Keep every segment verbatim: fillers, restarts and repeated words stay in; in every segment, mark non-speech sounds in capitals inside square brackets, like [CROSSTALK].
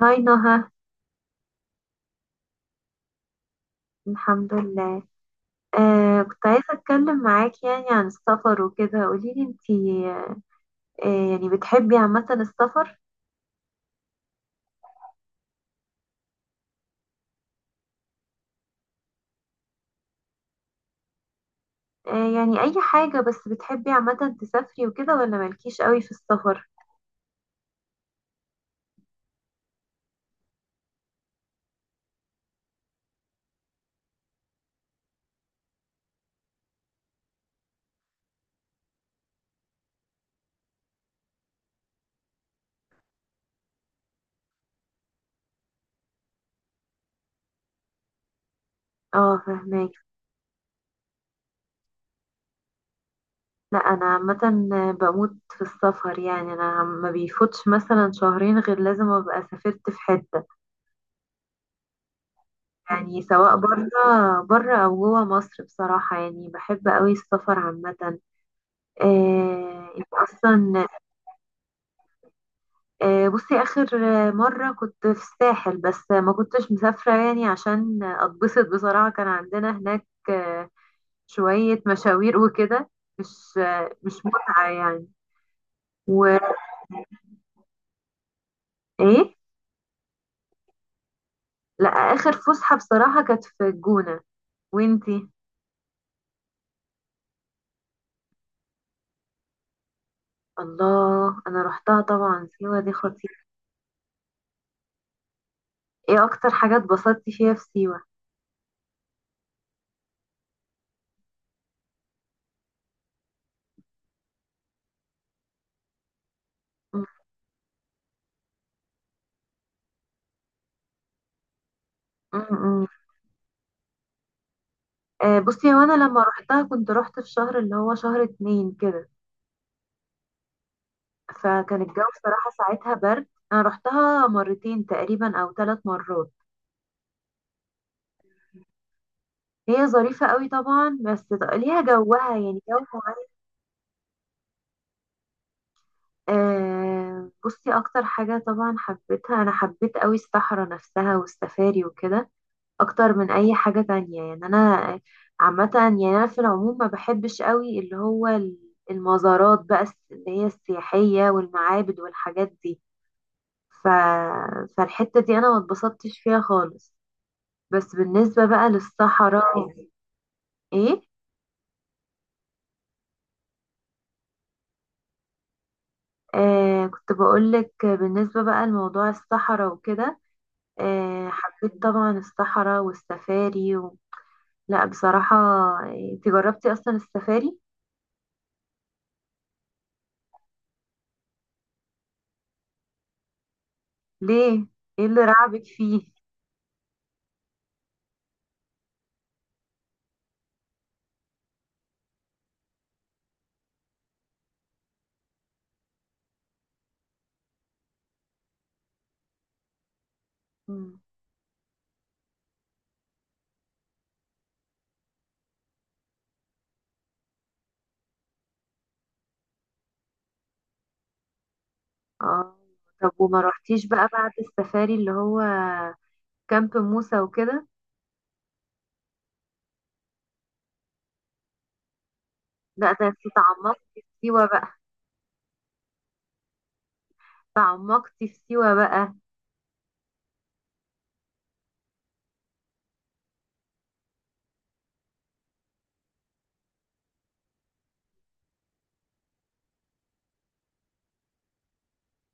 هاي، نهى. الحمد لله. آه كنت عايزة أتكلم معاك يعني عن السفر وكده، قوليلي انتي. آه يعني بتحبي عامة السفر؟ آه يعني أي حاجة، بس بتحبي عامة تسافري وكده ولا مالكيش قوي في السفر؟ اه، فهماك. لا، أنا عامة بموت في السفر. يعني أنا ما بيفوتش مثلا شهرين غير لازم أبقى سافرت في حتة، يعني سواء برا برا أو جوا مصر. بصراحة يعني بحب قوي السفر عامة. آه، انت اصلا. آه، بصي آخر آه، مرة كنت في الساحل، بس آه، ما كنتش مسافرة، يعني عشان آه، أتبسط. بصراحة كان عندنا هناك آه، شوية مشاوير وكده، مش آه، مش متعة يعني. وإيه؟ لا، آخر فسحة بصراحة كانت في الجونة. وإنتي؟ الله، أنا روحتها طبعا. سيوة دي خطيرة. إيه أكتر حاجة اتبسطتي فيها في سيوة؟ م- م- م. آه، بصي هو أنا لما روحتها كنت روحت في شهر اللي هو شهر اتنين كده. فكان الجو بصراحة ساعتها برد. أنا رحتها مرتين تقريبا أو ثلاث مرات. هي ظريفة قوي طبعا، بس ط- ليها جوها، يعني جو. آه بصي أكتر حاجة طبعا حبيتها، أنا حبيت قوي الصحراء نفسها والسفاري وكده، أكتر من أي حاجة تانية يعني. أنا عامة يعني أنا في العموم ما بحبش قوي اللي هو ال- المزارات بقى، الس- اللي هي السياحية والمعابد والحاجات دي. ف... فالحتة دي أنا ما اتبسطتش فيها خالص. بس بالنسبة بقى للصحراء و- ايه. آه كنت بقولك بالنسبة بقى لموضوع الصحراء وكده. آه حبيت طبعا الصحراء والسفاري و... لا بصراحة، آه، انت جربتي اصلا السفاري؟ ليه؟ ايه اللي رعبك فيه؟ مم. اه، طب وما رحتيش بقى بعد السفاري اللي هو كامب موسى وكده؟ لا، ده انت تعمقتي في سيوة بقى. تعمقتي في سيوة بقى.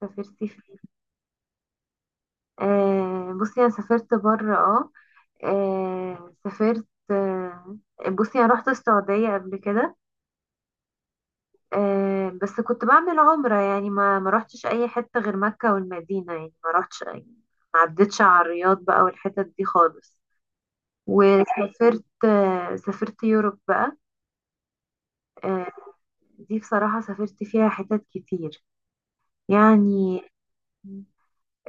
سافرتي فين؟ آه بصي انا سافرت بره. اه آه، سافرت. آه، بصي انا رحت السعودية قبل كده. آه، بس كنت بعمل عمرة، يعني ما ما رحتش اي حتة غير مكة والمدينة، يعني ما رحتش يعني ما عدتش على الرياض بقى والحتت دي خالص. وسافرت، آه، سافرت يوروب بقى. آه، دي بصراحة سافرت فيها حتت كتير يعني.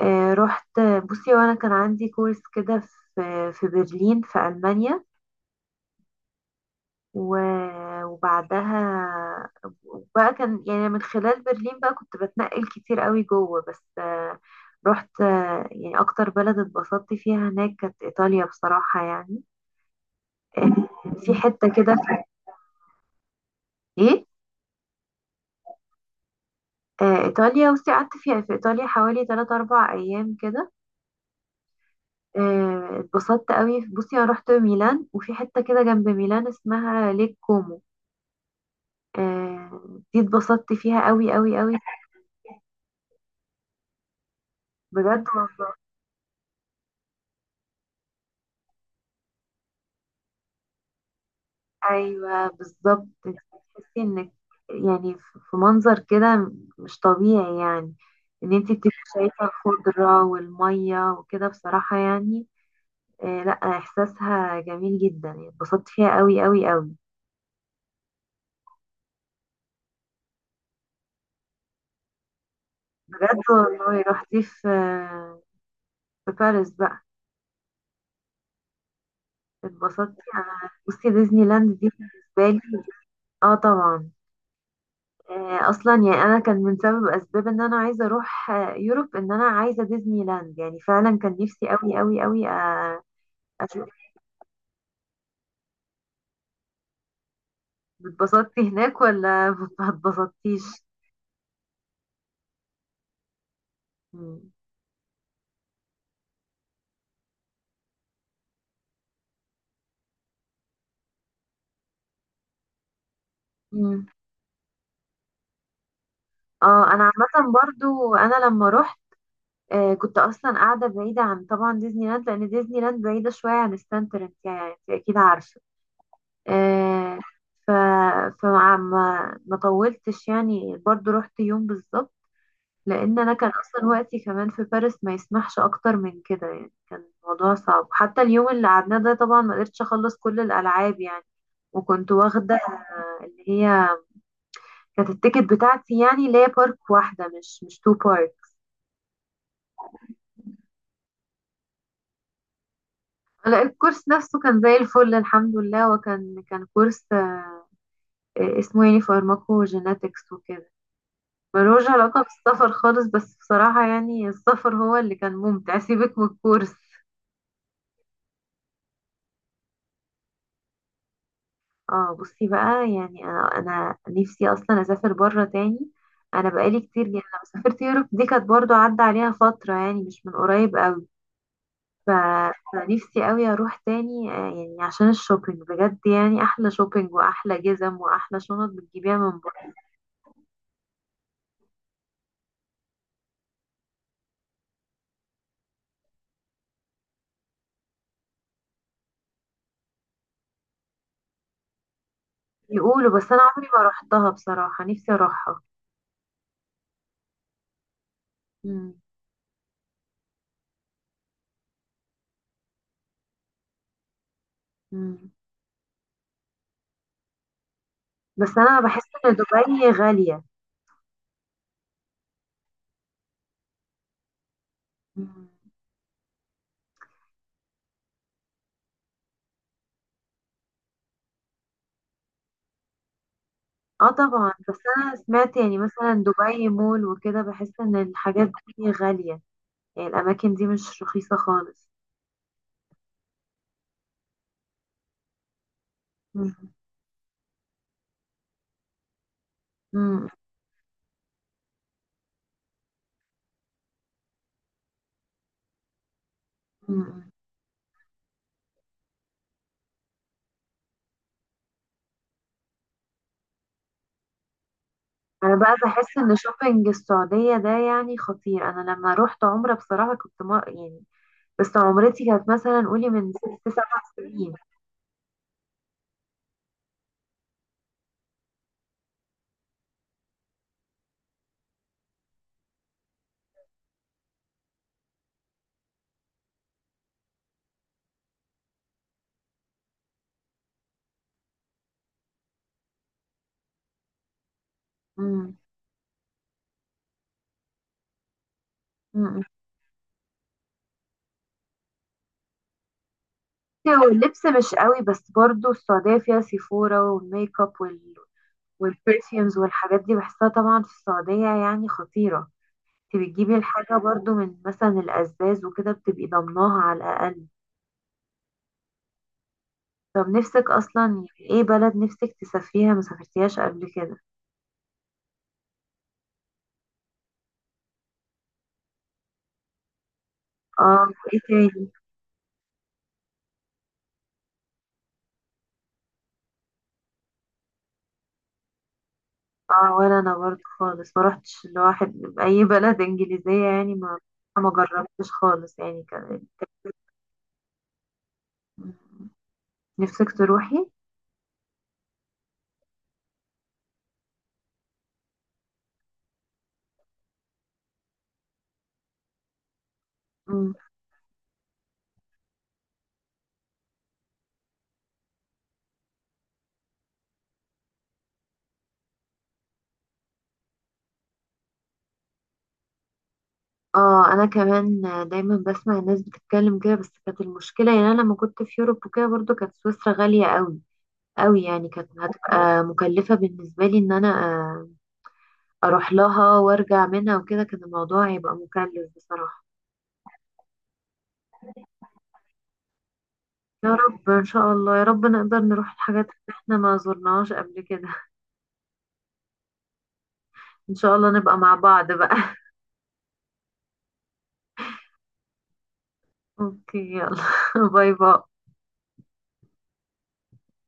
آه، رحت، بصي وانا كان عندي كورس كده في في برلين في ألمانيا. و- وبعدها وبقى كان، يعني من خلال برلين بقى كنت بتنقل كتير قوي جوه، بس آه، رحت، آه، يعني اكتر بلد اتبسطت فيها هناك كانت ايطاليا بصراحة يعني. آه، في حتة كده في، ايه، آه، ايطاليا بصي قعدت فيها في ايطاليا حوالي ثلاثة أربعة ايام كده. آه، اتبسطت قوي. بصي انا رحت ميلان وفي حتة كده جنب ميلان اسمها ليك كومو. آه، دي اتبسطت فيها قوي قوي قوي. بجد والله؟ ايوه بالظبط، انت بتحسي انك، يعني في في منظر كده مش طبيعي يعني، ان انت بتبقي شايفه الخضره والميه وكده بصراحه يعني. آه لا، احساسها جميل جدا يعني، اتبسطت فيها قوي قوي قوي. بجد والله؟ رحتي في في باريس بقى؟ اتبسطتي انا، بصي ديزني لاند دي بالنسبه لي. اه طبعا، آه، اصلا يعني انا كان من سبب اسباب ان انا عايزه اروح آه، يوروب ان انا عايزه ديزني لاند، يعني فعلا كان نفسي قوي قوي قوي آه، اشوف. اتبسطتي هناك ولا [LAUGHS] ما اتبسطتيش؟ مم. مم. اه انا عامه برضو، انا لما رحت آه، كنت اصلا قاعده بعيده عن طبعا ديزني لاند، لان ديزني لاند بعيده شويه عن ستانتر. انت يعني انت اكيد عارفه. آه، ف فما ما ما طولتش يعني، برضو رحت يوم بالظبط، لان انا كان اصلا وقتي كمان في باريس ما يسمحش اكتر من كده. يعني كان الموضوع صعب، حتى اليوم اللي قعدناه ده طبعا ما قدرتش اخلص كل الالعاب يعني. وكنت واخده اللي هي كانت التيكت بتاعتي، يعني اللي هي بارك واحده مش مش تو بارك. لا، الكورس نفسه كان زي الفل الحمد لله. وكان كان كورس آه، اسمه، يعني فارماكو جيناتكس وكده. ملوش علاقه بالسفر خالص، بس بصراحه يعني السفر هو اللي كان ممتع. [LAUGHS] سيبك من الكورس. اه، بصي بقى يعني انا انا نفسي اصلا اسافر بره تاني. انا بقالي كتير، يعني لما سافرت يوروب دي كانت برضو عدى عليها فترة، يعني مش من قريب قوي. ف... فنفسي قوي اروح تاني، آه، يعني عشان الشوبينج. بجد يعني احلى شوبينج واحلى جزم واحلى شنط بتجيبيها من بره. يقولوا، بس انا عمري ما روحتها بصراحة، نفسي اروحها. مم. مم. بس انا بحس ان دبي غالية. مم. اه طبعا، بس انا سمعت يعني مثلا دبي مول وكده، بحس ان الحاجات دي غالية، يعني الاماكن دي مش رخيصة خالص. مم. مم. مم. انا بقى بحس ان شوبينج السعودية ده يعني خطير. انا لما روحت عمرة بصراحة كنت ما يعني، بس عمرتي كانت مثلا قولي من ست سبع سنين. مم. مم. هو اللبس مش قوي، بس برضو السعودية فيها سيفورا والميك اب وال والبرفيومز والحاجات دي، بحسها طبعا في السعودية يعني خطيرة. انت بتجيبي الحاجة برضو من مثلا الأزاز وكده بتبقي ضمناها على الأقل. طب، نفسك أصلا يعني ايه بلد نفسك تسافريها ما سافرتيهاش قبل كده؟ اه. ايه؟ تاني؟ اه، ولا أنا برضو خالص ما روحتش لواحد بأي [LAUGHS] بلد إنجليزية، يعني ما ما جربتش خالص يعني كده. نفسك تروحي؟ مم. اه انا كمان دايما بسمع الناس بتتكلم كده، بس كانت المشكله يعني انا لما كنت في يوروب وكده، برضو كانت سويسرا غاليه قوي قوي يعني، كانت هتبقى مكلفه بالنسبه لي ان انا اروح لها وارجع منها وكده، كان الموضوع هيبقى مكلف بصراحة. يا رب، ان شاء الله يا رب نقدر نروح الحاجات اللي احنا ما زرناهاش قبل كده. ان شاء الله نبقى مع بعض بقى. اوكي، يلا. [LAUGHS] باي باي.